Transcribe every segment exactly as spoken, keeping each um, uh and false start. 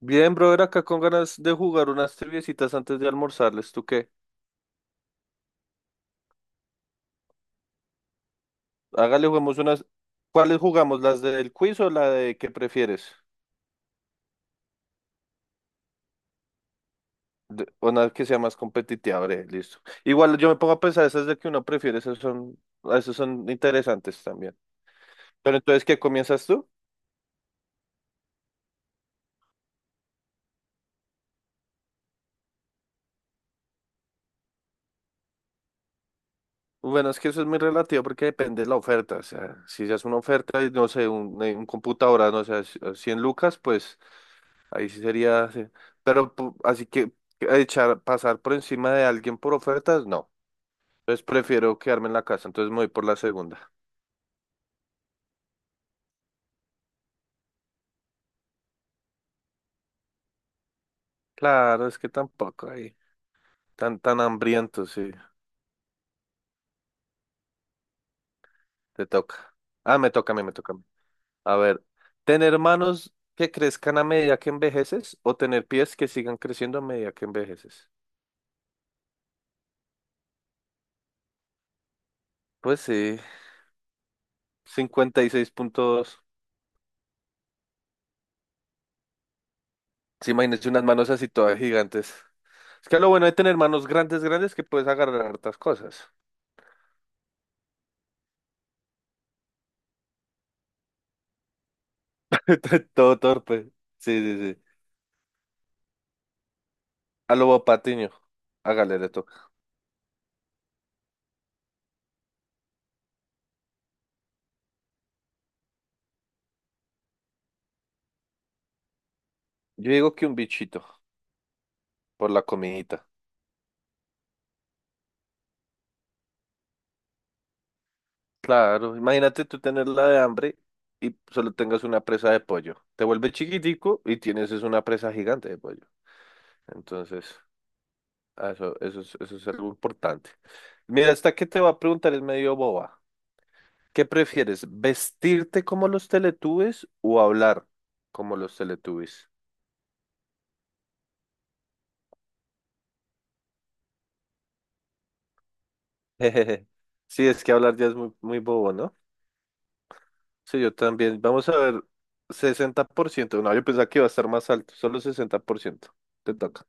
Bien, brother, acá con ganas de jugar unas triviecitas antes de almorzarles. ¿Tú qué? Hágale, juguemos unas. ¿Cuáles jugamos? ¿Las del quiz o la de qué prefieres? De- Una que sea más competitiva, breve, listo. Igual yo me pongo a pensar, esas de que uno prefiere, esas son, esas son interesantes también. Pero entonces, ¿qué comienzas tú? Bueno, es que eso es muy relativo porque depende de la oferta. O sea, si ya es una oferta y no sé, un, eh, un computadora, no sé, 100 lucas, pues. Ahí sí sería, sí. Pero pu- así que que echar, pasar por encima de alguien por ofertas, no. Entonces prefiero quedarme en la casa, entonces me voy por la segunda. Claro, es que tampoco ahí. Tan, tan hambriento, sí. Te toca. Ah, me toca a mí, me toca a mí. A ver, ¿tener manos que crezcan a medida que envejeces o tener pies que sigan creciendo a medida que envejeces? Pues sí, cincuenta y seis punto dos. Sí, imagínense unas manos así todas gigantes. Es que lo bueno de tener manos grandes, grandes, que puedes agarrar hartas cosas. Todo torpe. Sí, sí, sí. A Lobo Patiño. Hágale de todo. Yo digo que un bichito por la comidita. Claro, imagínate tú tenerla de hambre y solo tengas una presa de pollo. Te vuelves chiquitico y tienes es una presa gigante de pollo. Entonces, ah, eso, eso es, eso es algo importante. Mira, esta que te va a preguntar es medio boba. ¿Qué prefieres? ¿Vestirte como los Teletubbies o hablar como los Teletubbies? Sí, es que hablar ya es muy, muy bobo, ¿no? Sí, yo también. Vamos a ver, sesenta por ciento. No, yo pensaba que iba a estar más alto, solo sesenta por ciento. Te toca.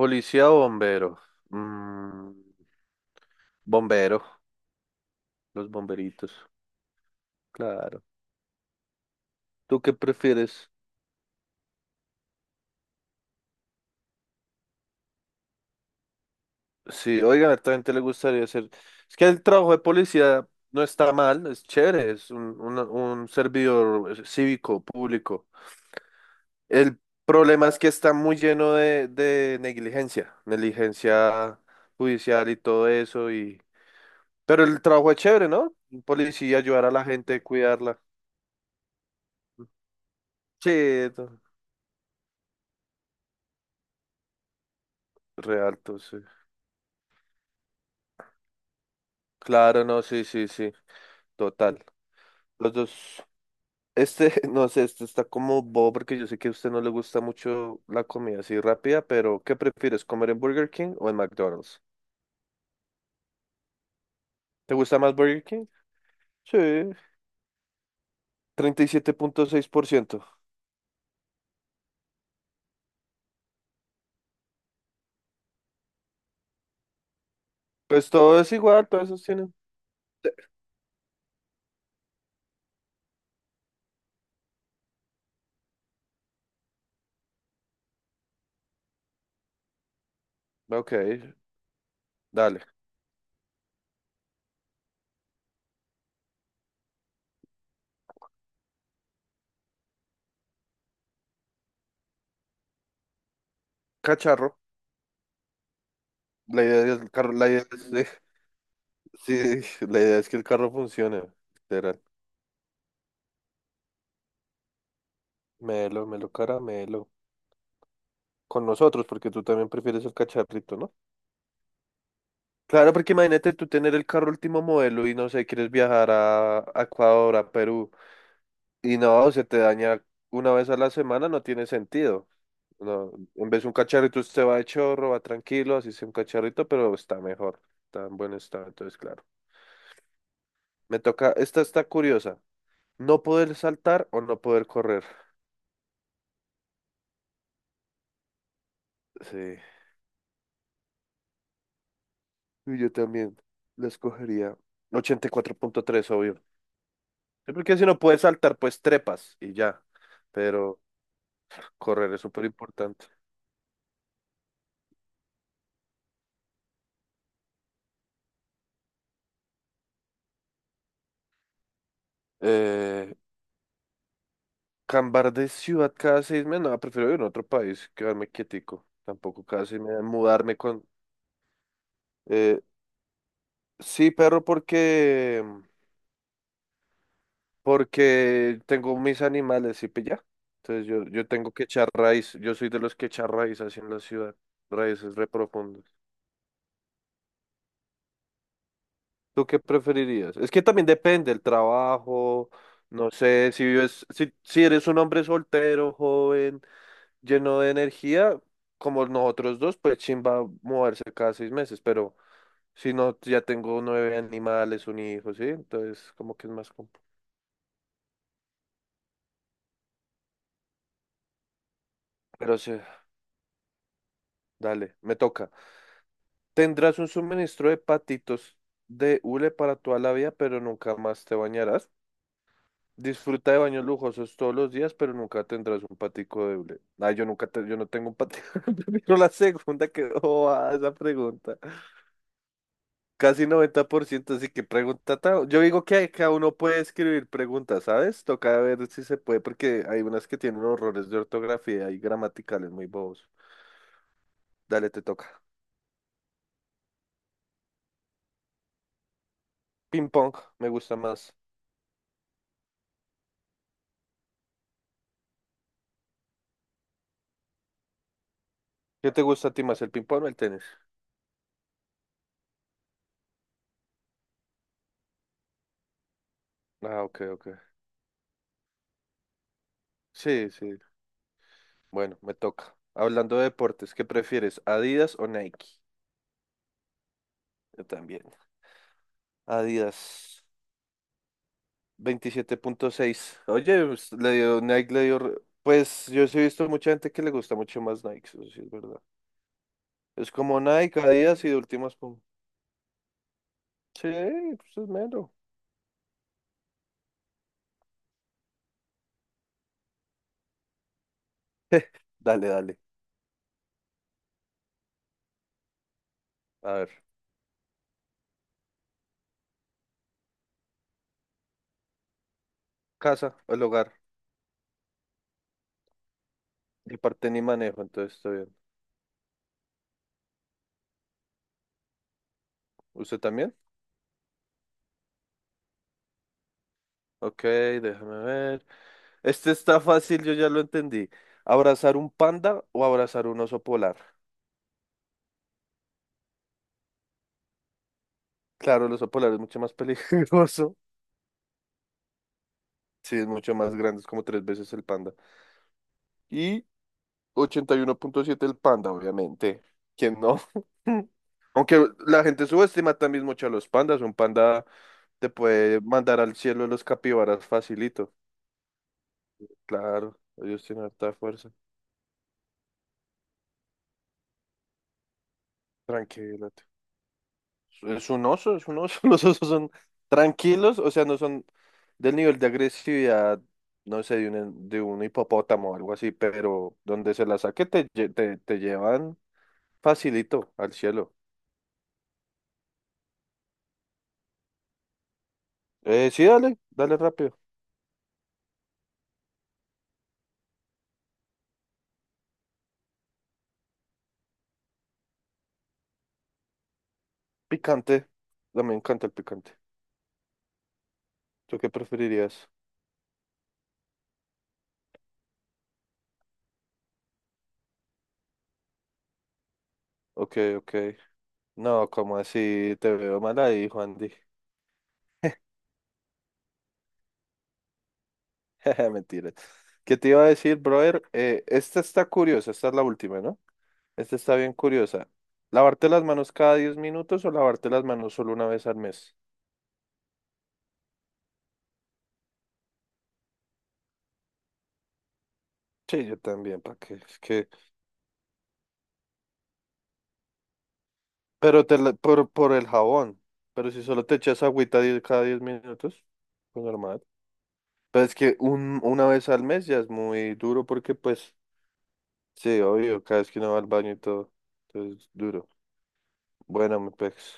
Policía o bombero. Mm, Bombero, los bomberitos. Claro. ¿Tú qué prefieres? Sí, oigan, a también le gustaría hacer. Es que el trabajo de policía no está mal, es chévere, es un, un, un servidor eh, cívico, público. El problema es que está muy lleno de, de negligencia, negligencia judicial y todo eso, y pero el trabajo es chévere, ¿no? Un policía, ayudar a la gente, cuidarla. Sí, to- Real, to- sí. Claro, no, sí, sí, sí, total. Los dos. Este, no sé, este está como bobo porque yo sé que a usted no le gusta mucho la comida así rápida, pero ¿qué prefieres, comer en Burger King o en McDonald's? ¿Te gusta más Burger King? Sí, treinta y siete punto seis por ciento. Pues todo es igual, todos esos tienen. Ok, dale. Cacharro. La idea es, el carro- la idea es- Sí, la idea es que el carro funcione. Literal. Melo, melo, caramelo. Con nosotros, porque tú también prefieres el cacharrito, ¿no? Claro, porque imagínate tú tener el carro último modelo y no sé, quieres viajar a a Ecuador, a Perú, y no, se te daña una vez a la semana, no tiene sentido. No, en vez de un cacharrito, usted va de chorro, va tranquilo, así sea un cacharrito, pero está mejor, está en buen estado, entonces, claro. Me toca, esta está curiosa. ¿No poder saltar o no poder correr? Sí, y yo también la escogería. Ochenta y cuatro punto tres, obvio. Sí, porque si no puedes saltar, pues trepas y ya. Pero correr es súper importante. Eh, Cambiar de ciudad cada seis meses. No, prefiero ir a otro país, quedarme quietico. Tampoco cada seis meses mudarme con... eh, sí, perro, porque... Porque tengo mis animales y pues ya. Entonces yo, yo tengo que echar raíz. Yo soy de los que echar raíz así en la ciudad. Raíces re profundas. ¿Tú qué preferirías? Es que también depende el trabajo, no sé, si vives, si, si eres un hombre soltero, joven, lleno de energía, como nosotros dos, pues chimba moverse cada seis meses, pero si no, ya tengo nueve animales, un hijo, ¿sí? Entonces, como que es más complicado. Pero sí, dale, me toca. Tendrás un suministro de patitos de hule para toda la vida, pero nunca más te bañarás. Disfruta de baños lujosos todos los días, pero nunca tendrás un patico doble. Ah, yo nunca te- yo no tengo un patico. Pero la segunda que a esa pregunta. Casi noventa por ciento, así que pregunta. ta- Yo digo que cada uno puede escribir preguntas, ¿sabes? Toca ver si se puede, porque hay unas que tienen horrores de ortografía y gramaticales muy bobos. Dale, te toca. Ping pong, me gusta más. ¿Qué te gusta a ti más, el ping pong o el tenis? Ah, ok, ok. Sí, sí. Bueno, me toca. Hablando de deportes, ¿qué prefieres, Adidas o Nike? Yo también. Adidas, veintisiete punto seis. Oye, pues, le dio, Nike le dio... re- Pues yo sí he visto mucha gente que le gusta mucho más Nike, eso sí es verdad. Es como Nike, Adidas y de últimas... pum. Sí, pues es mero. Dale, dale. A ver. Casa, el hogar. De parte ni manejo, entonces está bien. ¿Usted también? Ok, déjame ver. Este está fácil, yo ya lo entendí. ¿Abrazar un panda o abrazar un oso polar? Claro, el oso polar es mucho más peligroso. Sí, es mucho más grande, es como tres veces el panda. Y ochenta y uno punto siete el panda, obviamente. ¿Quién no? Aunque la gente subestima también mucho a los pandas. Un panda te puede mandar al cielo los capibaras facilito. Claro, ellos tienen harta fuerza. Tranquilate. Es un oso, es un oso. Los osos son tranquilos, o sea, no son del nivel de agresividad, no sé, de un, de un hipopótamo o algo así, pero donde se la saque te, lle- te, te llevan facilito, al cielo. Eh, sí, dale, dale rápido. Picante. A mí me encanta el picante. ¿Tú qué preferirías? Ok, ok. ¿No, como así? Te veo mal ahí, Juan Di. Jeje, mentira. ¿Qué te iba a decir, brother? Eh, esta está curiosa, esta es la última, ¿no? Esta está bien curiosa. ¿Lavarte las manos cada diez minutos o lavarte las manos solo una vez al mes? Sí, yo también, ¿para qué? Es que... Pero te la- por, por el jabón. Pero si solo te echas agüita diez cada diez minutos, pues normal. Pues es que un, una vez al mes ya es muy duro porque pues, sí, obvio, cada vez que uno va al baño y todo, entonces duro. Bueno, mi pex.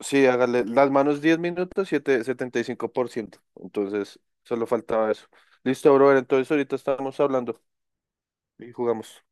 Sí, hágale las manos diez minutos, siete- setenta y cinco por ciento. Entonces, solo faltaba eso. Listo, brother, entonces ahorita estamos hablando y jugamos.